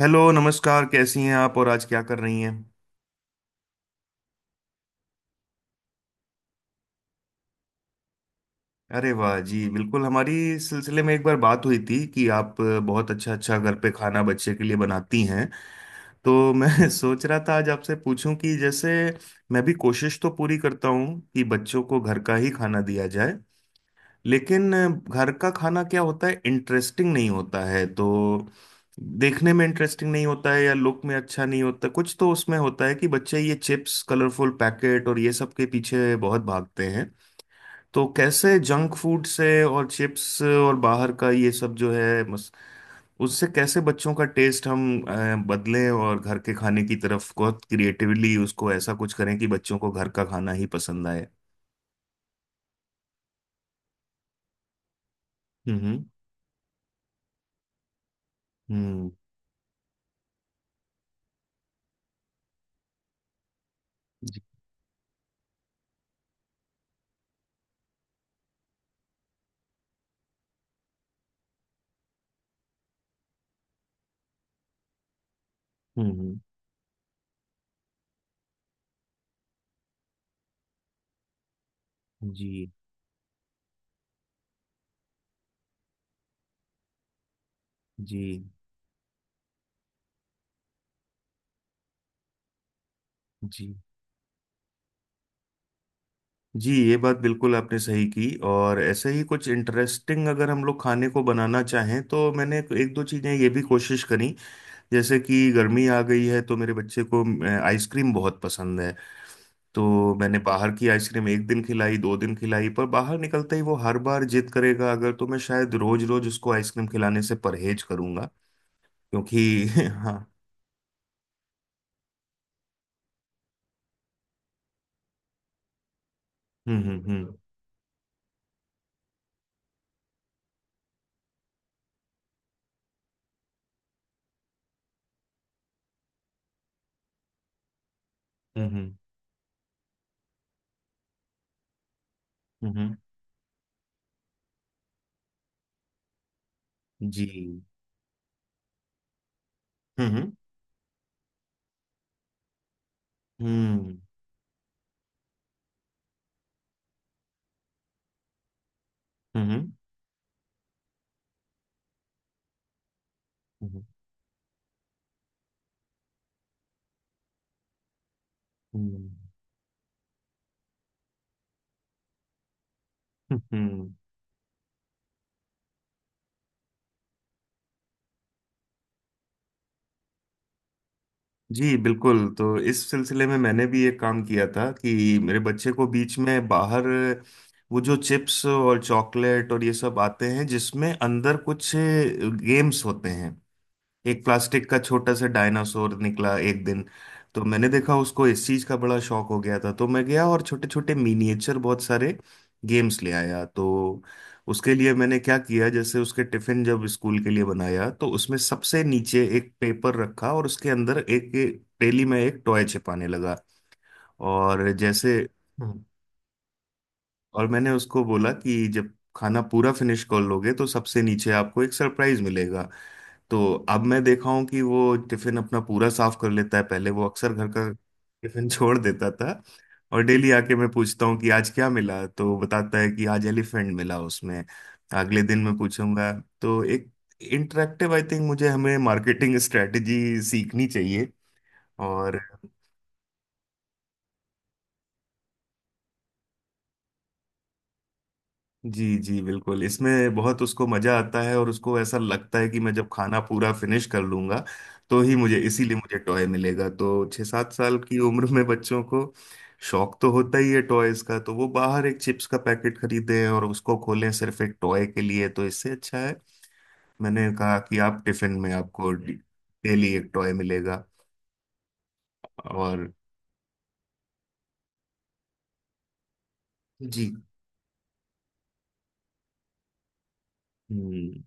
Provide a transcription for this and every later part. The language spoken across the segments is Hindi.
हेलो। नमस्कार। कैसी हैं आप और आज क्या कर रही हैं? अरे वाह जी, बिल्कुल। हमारी इस सिलसिले में एक बार बात हुई थी कि आप बहुत अच्छा अच्छा घर पे खाना बच्चे के लिए बनाती हैं। तो मैं सोच रहा था आज आपसे पूछूं कि जैसे, मैं भी कोशिश तो पूरी करता हूँ कि बच्चों को घर का ही खाना दिया जाए, लेकिन घर का खाना क्या होता है, इंटरेस्टिंग नहीं होता है तो देखने में इंटरेस्टिंग नहीं होता है या लुक में अच्छा नहीं होता। कुछ तो उसमें होता है कि बच्चे ये चिप्स, कलरफुल पैकेट और ये सब के पीछे बहुत भागते हैं। तो कैसे जंक फूड से और चिप्स और बाहर का ये सब जो है, उससे कैसे बच्चों का टेस्ट हम बदलें और घर के खाने की तरफ बहुत क्रिएटिवली उसको ऐसा कुछ करें कि बच्चों को घर का खाना ही पसंद आए। हम्म, हम्म, हम्म, जी, हम्म, जी, जी, जी, जी। ये बात बिल्कुल आपने सही की, और ऐसे ही कुछ इंटरेस्टिंग अगर हम लोग खाने को बनाना चाहें तो मैंने एक दो चीज़ें ये भी कोशिश करी। जैसे कि गर्मी आ गई है तो मेरे बच्चे को आइसक्रीम बहुत पसंद है। तो मैंने बाहर की आइसक्रीम एक दिन खिलाई, 2 दिन खिलाई, पर बाहर निकलते ही वो हर बार जिद करेगा अगर, तो मैं शायद रोज रोज उसको आइसक्रीम खिलाने से परहेज करूंगा क्योंकि हाँ। हम्म, हम्म, हम्म, हम्म, हम्म, जी, हम्म, हम्म, हम्म, हम्म, हम्म। हम्म, हम्म। जी बिल्कुल। तो इस सिलसिले में मैंने भी एक काम किया था कि मेरे बच्चे को बीच में, बाहर वो जो चिप्स और चॉकलेट और ये सब आते हैं जिसमें अंदर कुछ गेम्स होते हैं, एक प्लास्टिक का छोटा सा डायनासोर निकला एक दिन। तो मैंने देखा उसको इस चीज का बड़ा शौक हो गया था, तो मैं गया और छोटे छोटे मिनिएचर बहुत सारे गेम्स ले आया। तो उसके लिए मैंने क्या किया, जैसे उसके टिफिन जब स्कूल के लिए बनाया तो उसमें सबसे नीचे एक पेपर रखा और उसके अंदर एक थैली में एक टॉय छिपाने लगा। और जैसे, हम्म। और मैंने उसको बोला कि जब खाना पूरा फिनिश कर लोगे तो सबसे नीचे आपको एक सरप्राइज मिलेगा। तो अब मैं देखा हूं कि वो टिफिन अपना पूरा साफ कर लेता है, पहले वो अक्सर घर का टिफिन छोड़ देता था। और डेली आके मैं पूछता हूँ कि आज क्या मिला, तो वो बताता है कि आज एलिफेंट मिला उसमें, अगले दिन मैं पूछूंगा। तो एक इंटरेक्टिव, आई थिंक मुझे, हमें मार्केटिंग स्ट्रेटेजी सीखनी चाहिए। और, जी, जी बिल्कुल। इसमें बहुत उसको मजा आता है, और उसको ऐसा लगता है कि मैं जब खाना पूरा फिनिश कर लूंगा तो ही मुझे, इसीलिए मुझे टॉय मिलेगा। तो 6-7 साल की उम्र में बच्चों को शौक तो होता ही है टॉयज का, तो वो बाहर एक चिप्स का पैकेट खरीदें और उसको खोलें सिर्फ एक टॉय के लिए, तो इससे अच्छा है मैंने कहा कि आप टिफिन में आपको डेली एक टॉय मिलेगा। और, जी, हम्म,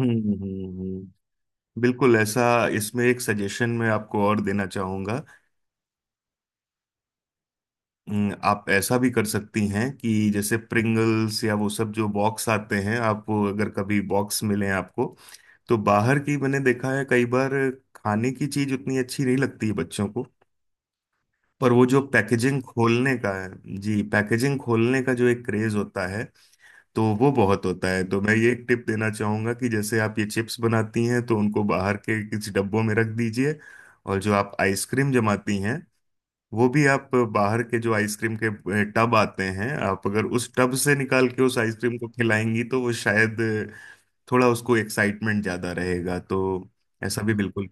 हम्म, हम्म, बिल्कुल ऐसा। इसमें एक सजेशन मैं आपको और देना चाहूंगा। आप ऐसा भी कर सकती हैं कि जैसे प्रिंगल्स या वो सब जो बॉक्स आते हैं, आप वो अगर कभी बॉक्स मिले आपको, तो बाहर की मैंने देखा है कई बार खाने की चीज उतनी अच्छी नहीं लगती है बच्चों को, पर वो जो पैकेजिंग खोलने का है, जी, पैकेजिंग खोलने का जो एक क्रेज होता है, तो वो बहुत होता है। तो मैं ये एक टिप देना चाहूंगा कि जैसे आप ये चिप्स बनाती हैं तो उनको बाहर के किसी डब्बों में रख दीजिए। और जो आप आइसक्रीम जमाती हैं, वो भी आप बाहर के जो आइसक्रीम के टब आते हैं, आप अगर उस टब से निकाल के उस आइसक्रीम को खिलाएंगी तो वो शायद थोड़ा उसको एक्साइटमेंट ज्यादा रहेगा। तो ऐसा भी, बिल्कुल।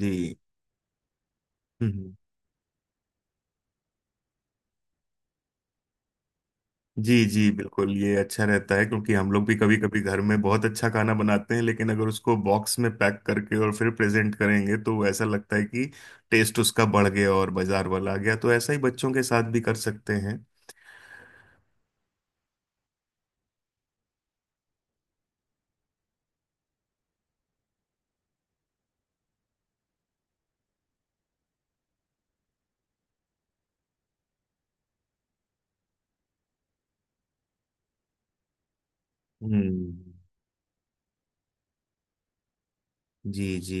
जी, हम्म, जी, जी बिल्कुल, ये अच्छा रहता है क्योंकि हम लोग भी कभी कभी घर में बहुत अच्छा खाना बनाते हैं, लेकिन अगर उसको बॉक्स में पैक करके और फिर प्रेजेंट करेंगे तो ऐसा लगता है कि टेस्ट उसका बढ़ गया और बाजार वाला आ गया। तो ऐसा ही बच्चों के साथ भी कर सकते हैं। हम्म, जी, जी,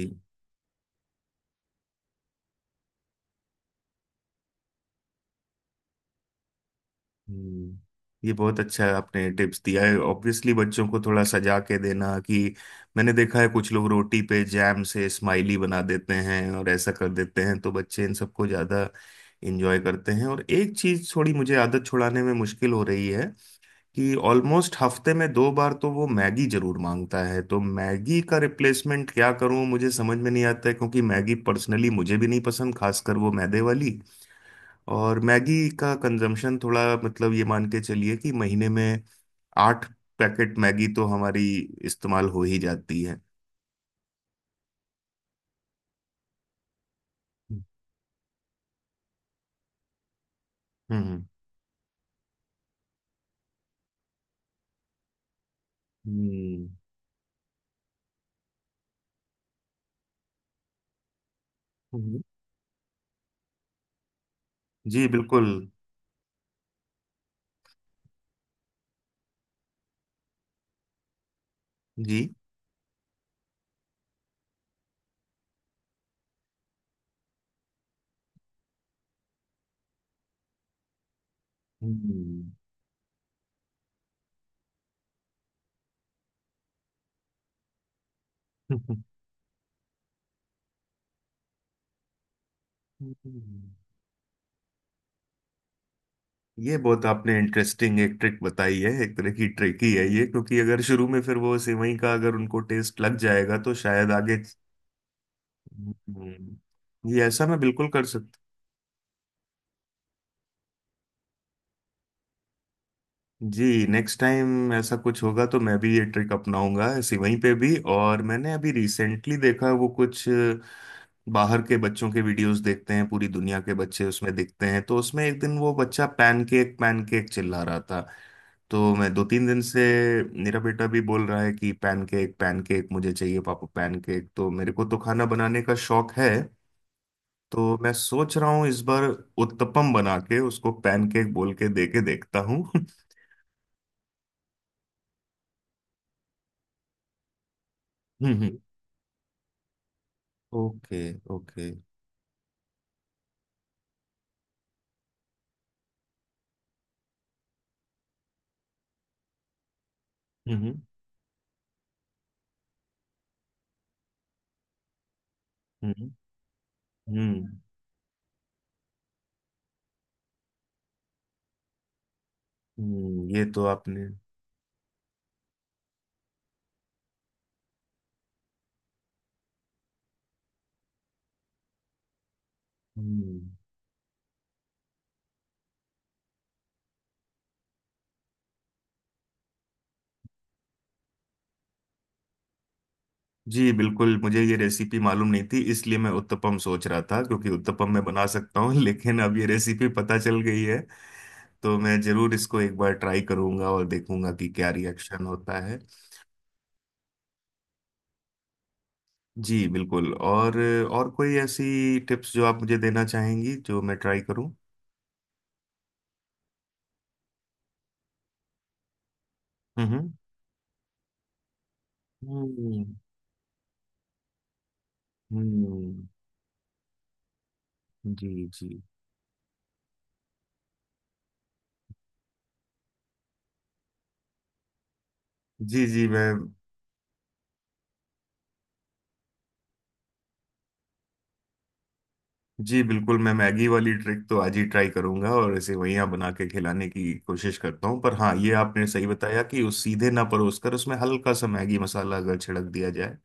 हम्म। ये बहुत अच्छा आपने टिप्स दिया है। ऑब्वियसली बच्चों को थोड़ा सजा के देना कि, मैंने देखा है कुछ लोग रोटी पे जैम से स्माइली बना देते हैं और ऐसा कर देते हैं, तो बच्चे इन सबको ज़्यादा इंजॉय करते हैं। और एक चीज़ थोड़ी मुझे आदत छुड़ाने में मुश्किल हो रही है, कि ऑलमोस्ट हफ्ते में दो बार तो वो मैगी जरूर मांगता है। तो मैगी का रिप्लेसमेंट क्या करूं, मुझे समझ में नहीं आता है, क्योंकि मैगी पर्सनली मुझे भी नहीं पसंद, खासकर वो मैदे वाली। और मैगी का कंजम्पशन थोड़ा, मतलब, ये मान के चलिए कि महीने में आठ पैकेट मैगी तो हमारी इस्तेमाल हो ही जाती है। हम्म, हम्म, हम्म, जी बिल्कुल, जी, हम्म, हम्म। ये बहुत आपने इंटरेस्टिंग एक ट्रिक बताई है। एक तरह की ट्रिक ही है ये, क्योंकि अगर शुरू में फिर वो सेवई का अगर उनको टेस्ट लग जाएगा तो शायद आगे। हम्म, ये ऐसा मैं बिल्कुल कर सकता। जी, नेक्स्ट टाइम ऐसा कुछ होगा तो मैं भी ये ट्रिक अपनाऊंगा सिवई पे भी। और मैंने अभी रिसेंटली देखा वो कुछ बाहर के बच्चों के वीडियोस देखते हैं, पूरी दुनिया के बच्चे उसमें दिखते हैं, तो उसमें एक दिन वो बच्चा पैनकेक पैनकेक चिल्ला रहा था। तो मैं 2-3 दिन से, मेरा बेटा भी बोल रहा है कि पैनकेक पैनकेक मुझे चाहिए पापा, पैनकेक। तो मेरे को तो खाना बनाने का शौक है, तो मैं सोच रहा हूँ इस बार उत्तपम बना के उसको पैनकेक बोल के दे के देखता हूँ। ओके, ओके, हम्म, हम्म, हम्म, ये तो आपने, हम्म, जी बिल्कुल। मुझे ये रेसिपी मालूम नहीं थी, इसलिए मैं उत्तपम सोच रहा था, क्योंकि उत्तपम मैं बना सकता हूँ लेकिन अब ये रेसिपी पता चल गई है। तो मैं जरूर इसको एक बार ट्राई करूंगा और देखूंगा कि क्या रिएक्शन होता है। जी बिल्कुल, और कोई ऐसी टिप्स जो आप मुझे देना चाहेंगी जो मैं ट्राई करूं? हम्म, हम्म, हम्म, जी, जी, जी, जी, मैं, जी बिल्कुल, मैं मैगी वाली ट्रिक तो आज ही ट्राई करूंगा और इसे वही यहाँ बना के खिलाने की कोशिश करता हूँ। पर हाँ, ये आपने सही बताया कि उस सीधे ना परोस कर उसमें हल्का सा मैगी मसाला अगर छिड़क दिया जाए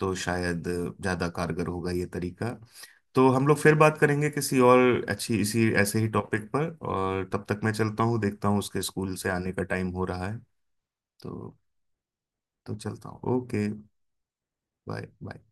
तो शायद ज़्यादा कारगर होगा ये तरीका। तो हम लोग फिर बात करेंगे किसी और अच्छी, इसी ऐसे ही टॉपिक पर। और तब तक मैं चलता हूँ, देखता हूँ उसके स्कूल से आने का टाइम हो रहा है, तो तो चलता हूँ। Okay, bye bye.